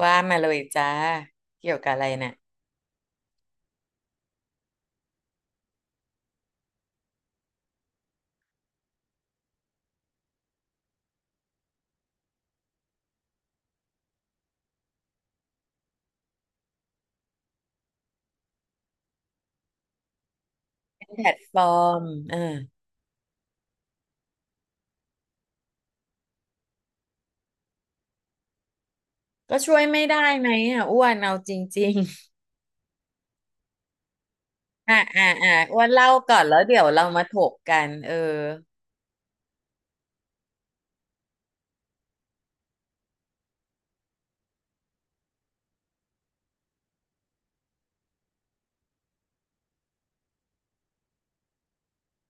ว่ามาเลยจ้าเกี่ยวกับอะไรเนี่ยแพลตฟอร์มเออก็ช่วยไม่ได้ไหมอ่ะอ้วนเอาจริงๆอ่ะอ่ะอ่ะอ้วนเล่าก่อนแล้วเดี๋ยวเรามาถกกันเออ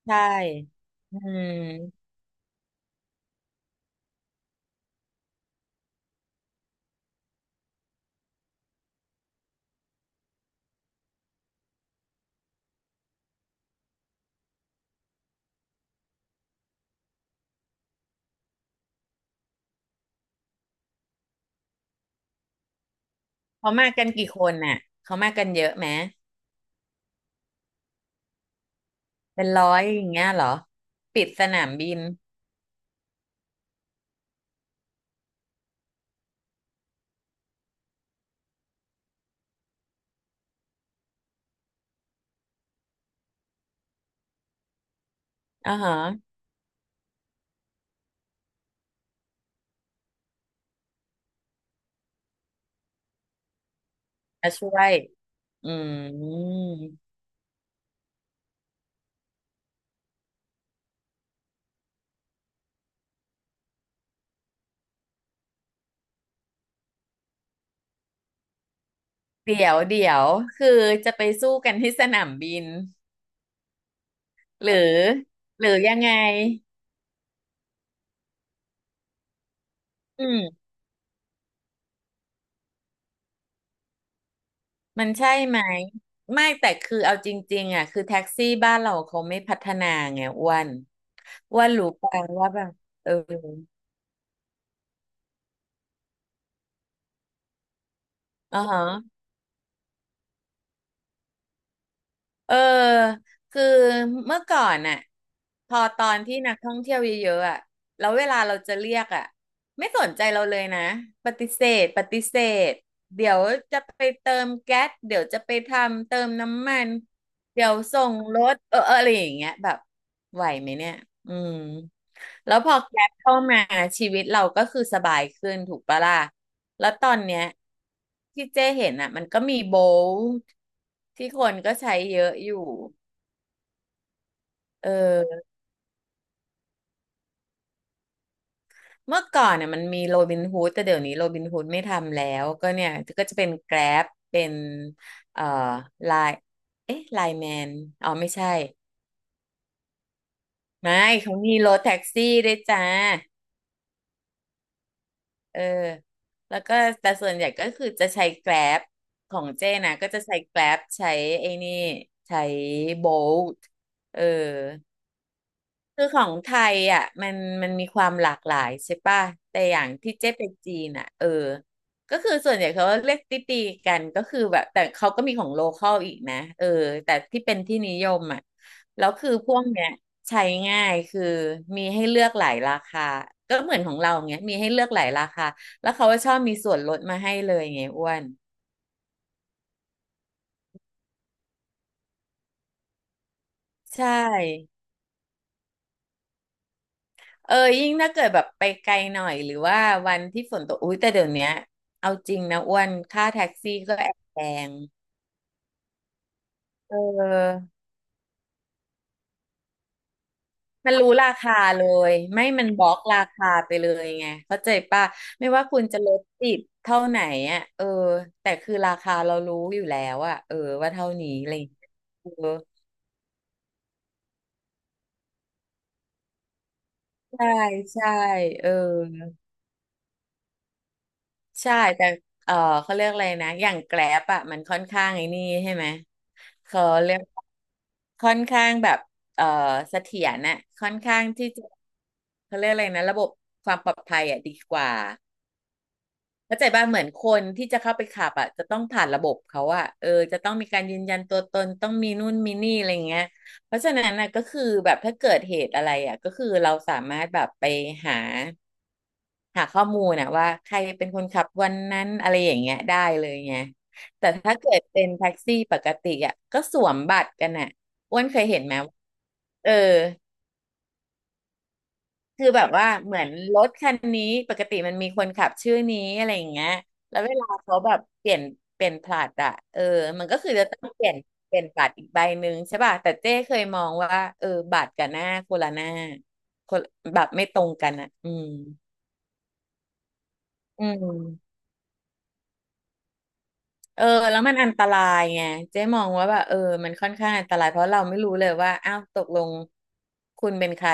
ใช่อืมเขามากันกี่คนน่ะเขามากันเยอะไหมเป็นร้อยอย่างเงี้ยเหรอปิดสนามบินอ่าฮะมาช่วยอืมเดี๋ยวเดี๋ยวคือจะไปสู้กันที่สนามบินหรือหรือยังไงอืม มันใช่ไหมไม่แต่คือเอาจริงๆอ่ะคือแท็กซี่บ้านเราเขาไม่พัฒนาไงอ้วนอ้วนรู้ปังว่าแบบเอออ๋อฮะ เออคือเมื่อก่อนน่ะพอตอนที่นักท่องเที่ยวเยอะๆอ่ะแล้วเวลาเราจะเรียกอ่ะไม่สนใจเราเลยนะปฏิเสธปฏิเสธเดี๋ยวจะไปเติมแก๊สเดี๋ยวจะไปทำเติมน้ำมันเดี๋ยวส่งรถเออเอออะไรอย่างเงี้ยแบบไหวไหมเนี่ยอืมแล้วพอแก๊สเข้ามาชีวิตเราก็คือสบายขึ้นถูกปะล่ะ แล้วตอนเนี้ยที่เจ้เห็นอ่ะมันก็มีโบลต์ที่คนก็ใช้เยอะอยู่เออเมื่อก่อนเนี่ยมันมีโรบินฮูดแต่เดี๋ยวนี้โรบินฮูดไม่ทำแล้วก็เนี่ยก็จะเป็นแกร็บเป็นเอ่อไลน์เอ๊ะไลน์แมนอ๋อไม่ใช่ไม่เขามีรถแท็กซี่ด้วยจ้าเออแล้วก็แต่ส่วนใหญ่ก็คือจะใช้แกร็บของเจ้นะก็จะใช้แกร็บใช้ไอ้นี่ใช้โบลต์เออ คือของไทยอ่ะมันมีความหลากหลายใช่ป่ะแต่อย่างที่เจ๊ไปจีนอ่ะเออก็คือส่วนใหญ่เขาเรียกตีตีกันก็คือแบบแต่เขาก็มีของโลคอลอีกนะเออแต่ที่เป็นที่นิยมอ่ะแล้วคือพวกเนี้ยใช้ง่ายคือมีให้เลือกหลายราคาก็เหมือนของเราเงี้ยมีให้เลือกหลายราคาแล้วเขาก็ชอบมีส่วนลดมาให้เลยไงอ้วนใช่ เออยิ่งถ้าเกิดแบบไปไกลหน่อยหรือว่าวันที่ฝนตกอุ้ยแต่เดี๋ยวเนี้ยเอาจริงนะอ้วนค่าแท็กซี่ก็แอบแพงเออมันรู้ราคาเลยไม่มันบล็อกราคาไปเลยไงเข้าใจป่ะไม่ว่าคุณจะลดติดเท่าไหนอ่ะเออแต่คือราคาเรารู้อยู่แล้วอ่ะเออว่าเท่านี้อะไรอย่างเลยเออใช่ใช่เออ ใช่แต่เออเขาเรียกอะไรนะอย่างแกร็บอะมันค่อนข้างไอ้นี่ใช่ไหมเขาเรียกค่อนข้างแบบเออเสถียรน่ะค่อนข้างที่จะเขาเรียกอะไรนะระบบความปลอดภัยอะดีกว่าเข้าใจป่ะเหมือนคนที่จะเข้าไปขับอะจะต้องผ่านระบบเขาอะเออจะต้องมีการยืนยันตัวตนต้องมีนู่นมีนี่อะไรเงี้ยเพราะฉะนั้นนะก็คือแบบถ้าเกิดเหตุอะไรอะก็คือเราสามารถแบบไปหา ข้อมูลนะว่าใครเป็นคนขับวันนั้นอะไรอย่างเงี้ยได้เลยไงแต่ถ้าเกิดเป็นแท็กซี่ปกติอ่ะก็สวมบัตรกันอ่ะอ้วนเคยเห็นไหมเออคือแบบว่าเหมือนรถคันนี้ปกติมันมีคนขับชื่อนี้อะไรอย่างเงี้ยแล้วเวลาเขาแบบเปลี่ยนผลัดอ่ะเออมันก็คือจะต้องเปลี่ยนบัตรอีกใบหนึ่งใช่ป่ะแต่เจ้เคยมองว่าเออบัตรกับหน้าคนละหน้าคนแบบไม่ตรงกันอ่ะอืมอืม เออแล้วมันอันตรายไงเจ๊มองว่าแบบเออมันค่อนข้างอันตรายเพราะเราไม่รู้เลยว่าอ้าวตกลงคุณเป็นใคร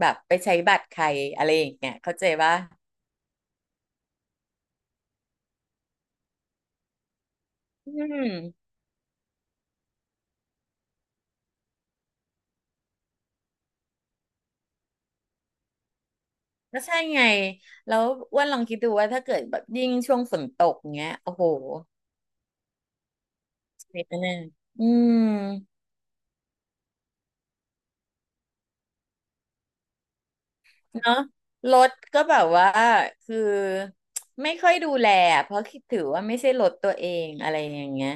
แบบไปใช้บัตรใครอะไรอย่างเงี้ยเข้าใจปะอืมก็ใช่ไงแล้วอ้ว่าลองคิดดูว่าถ้าเกิดแบบยิ่งช่วงฝนตกเงี้ยโอ้โหเสียแน่อืมเนาะรถก็แบบว่าคือไม่ค่อยดูแลอะเพราะคิดถือว่าไม่ใช่รถตัวเองอะไรอย่างเงี้ย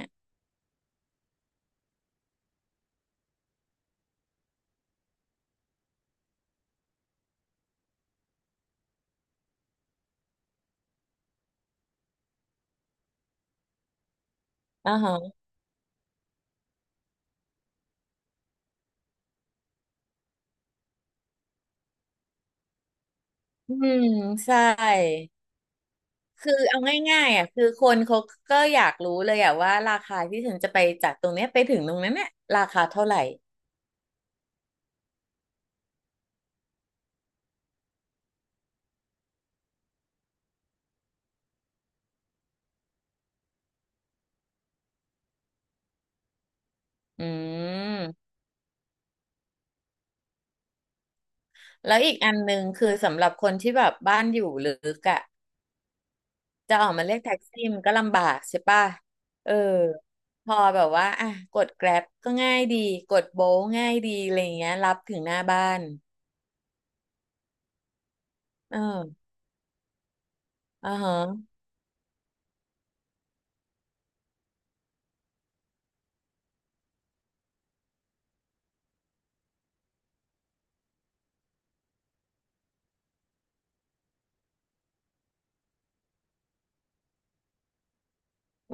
อ๋อฮะอืมใช่ คือเอาง่ายๆอ่ะคือคนเขาก็อยากรู้เลยอ่ะว่าราคาที่ฉันจะไปจากตรงเนี้ยไปถึงตรงนั้นเนี่ยราคาเท่าไหร่ อืมแล้วอีกอันหนึ่งคือสำหรับคนที่แบบบ้านอยู่ลึกอ่ะจะออกมาเรียกแท็กซี่มันก็ลำบากใช่ป่ะเออพอแบบว่าอ่ะกด Grab ก็ง่ายดีกดโบง่ายดีอะไรเงี้ยรับถึงหน้าบ้านเอออ่าฮะ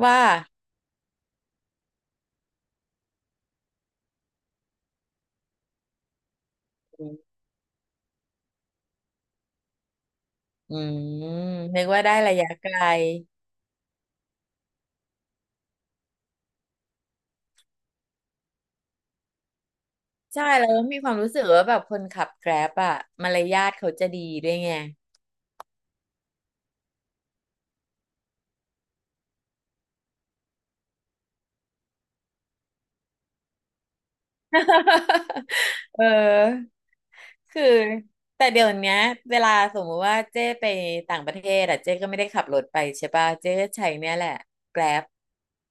ว่า อืมนึกว่าได้ระยะไกล ใช่แล้วมีความรู้สึกว่าแบบคนขับแกร็บอะมารยาทเขาจะดีด้วยไง เออคือแต่เดี๋ยวเนี้ยเวลาสมมุติว่าเจ้ไปต่างประเทศอะเจ้ก็ไม่ได้ขับรถไปใช่ป่ะเจ้ก็ใช้เนี่ยแหละแกร็บ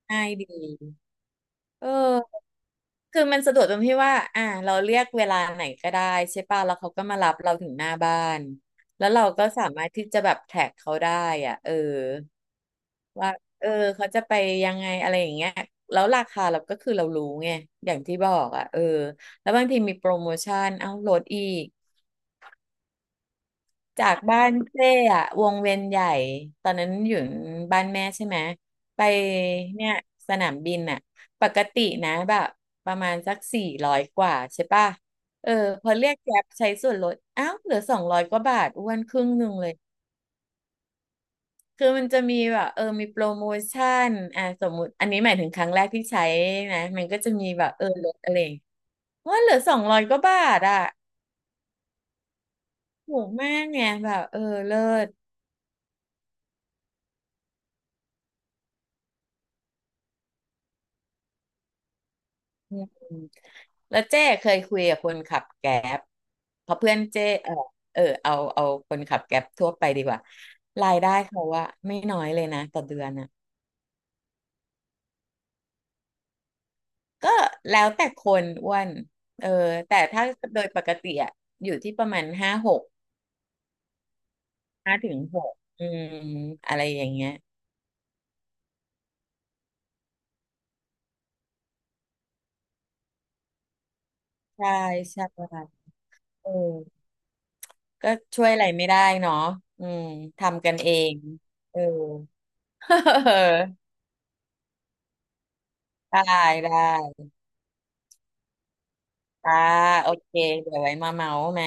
ง่ายดี เออคือมันสะดวกตรงที่ว่าอ่าเราเรียกเวลาไหนก็ได้ใช่ป่ะแล้วเขาก็มารับเราถึงหน้าบ้านแล้วเราก็สามารถที่จะแบบแท็กเขาได้อ่ะเออว่าเออเขาจะไปยังไงอะไรอย่างเงี้ยแล้วราคาเราก็คือเรารู้ไงอย่างที่บอกอ่ะเออแล้วบางทีมีโปรโมชั่นเอ้าลดอีก จากบ้านเจ้อะวงเวียนใหญ่ตอนนั้นอยู่บ้านแม่ใช่ไหมไปเนี่ยสนามบินอะปกตินะแบบประมาณสัก400กว่าใช่ป่ะเออพอเรียกแกร็บใช้ส่วนลดอ้าวเหลือสองร้อยกว่าบาทอ้วนครึ่งหนึ่งเลยคือมันจะมีแบบเออมีโปรโมชั่นอ่ะสมมุติอันนี้หมายถึงครั้งแรกที่ใช้นะมันก็จะมีแบบเออลดอะไรอย่างเงี้ยว่าเหลือสองร้อยกว่าบาทอะถูกมากไงแบบเออเลิศ อืมแล้วเจ้เคยคุยกับคนขับแก๊บเพราะเพื่อนเจ้เออเอาคนขับแก๊บทั่วไปดีกว่ารายได้เขาว่าไม่น้อยเลยนะต่อเดือนอ่ะก็แล้วแต่คนอ้วนเออแต่ถ้าโดยปกติอะอยู่ที่ประมาณห้าหกห้าถึงหกอืมอะไรอย่างเงี้ยใช่ใช่เออก็ช่วยอะไรไม่ได้เนาะอืมทำกันเองเออ ได้ได้ จ้าโอเคเดี๋ยวไว้มาเมาส์ใหม่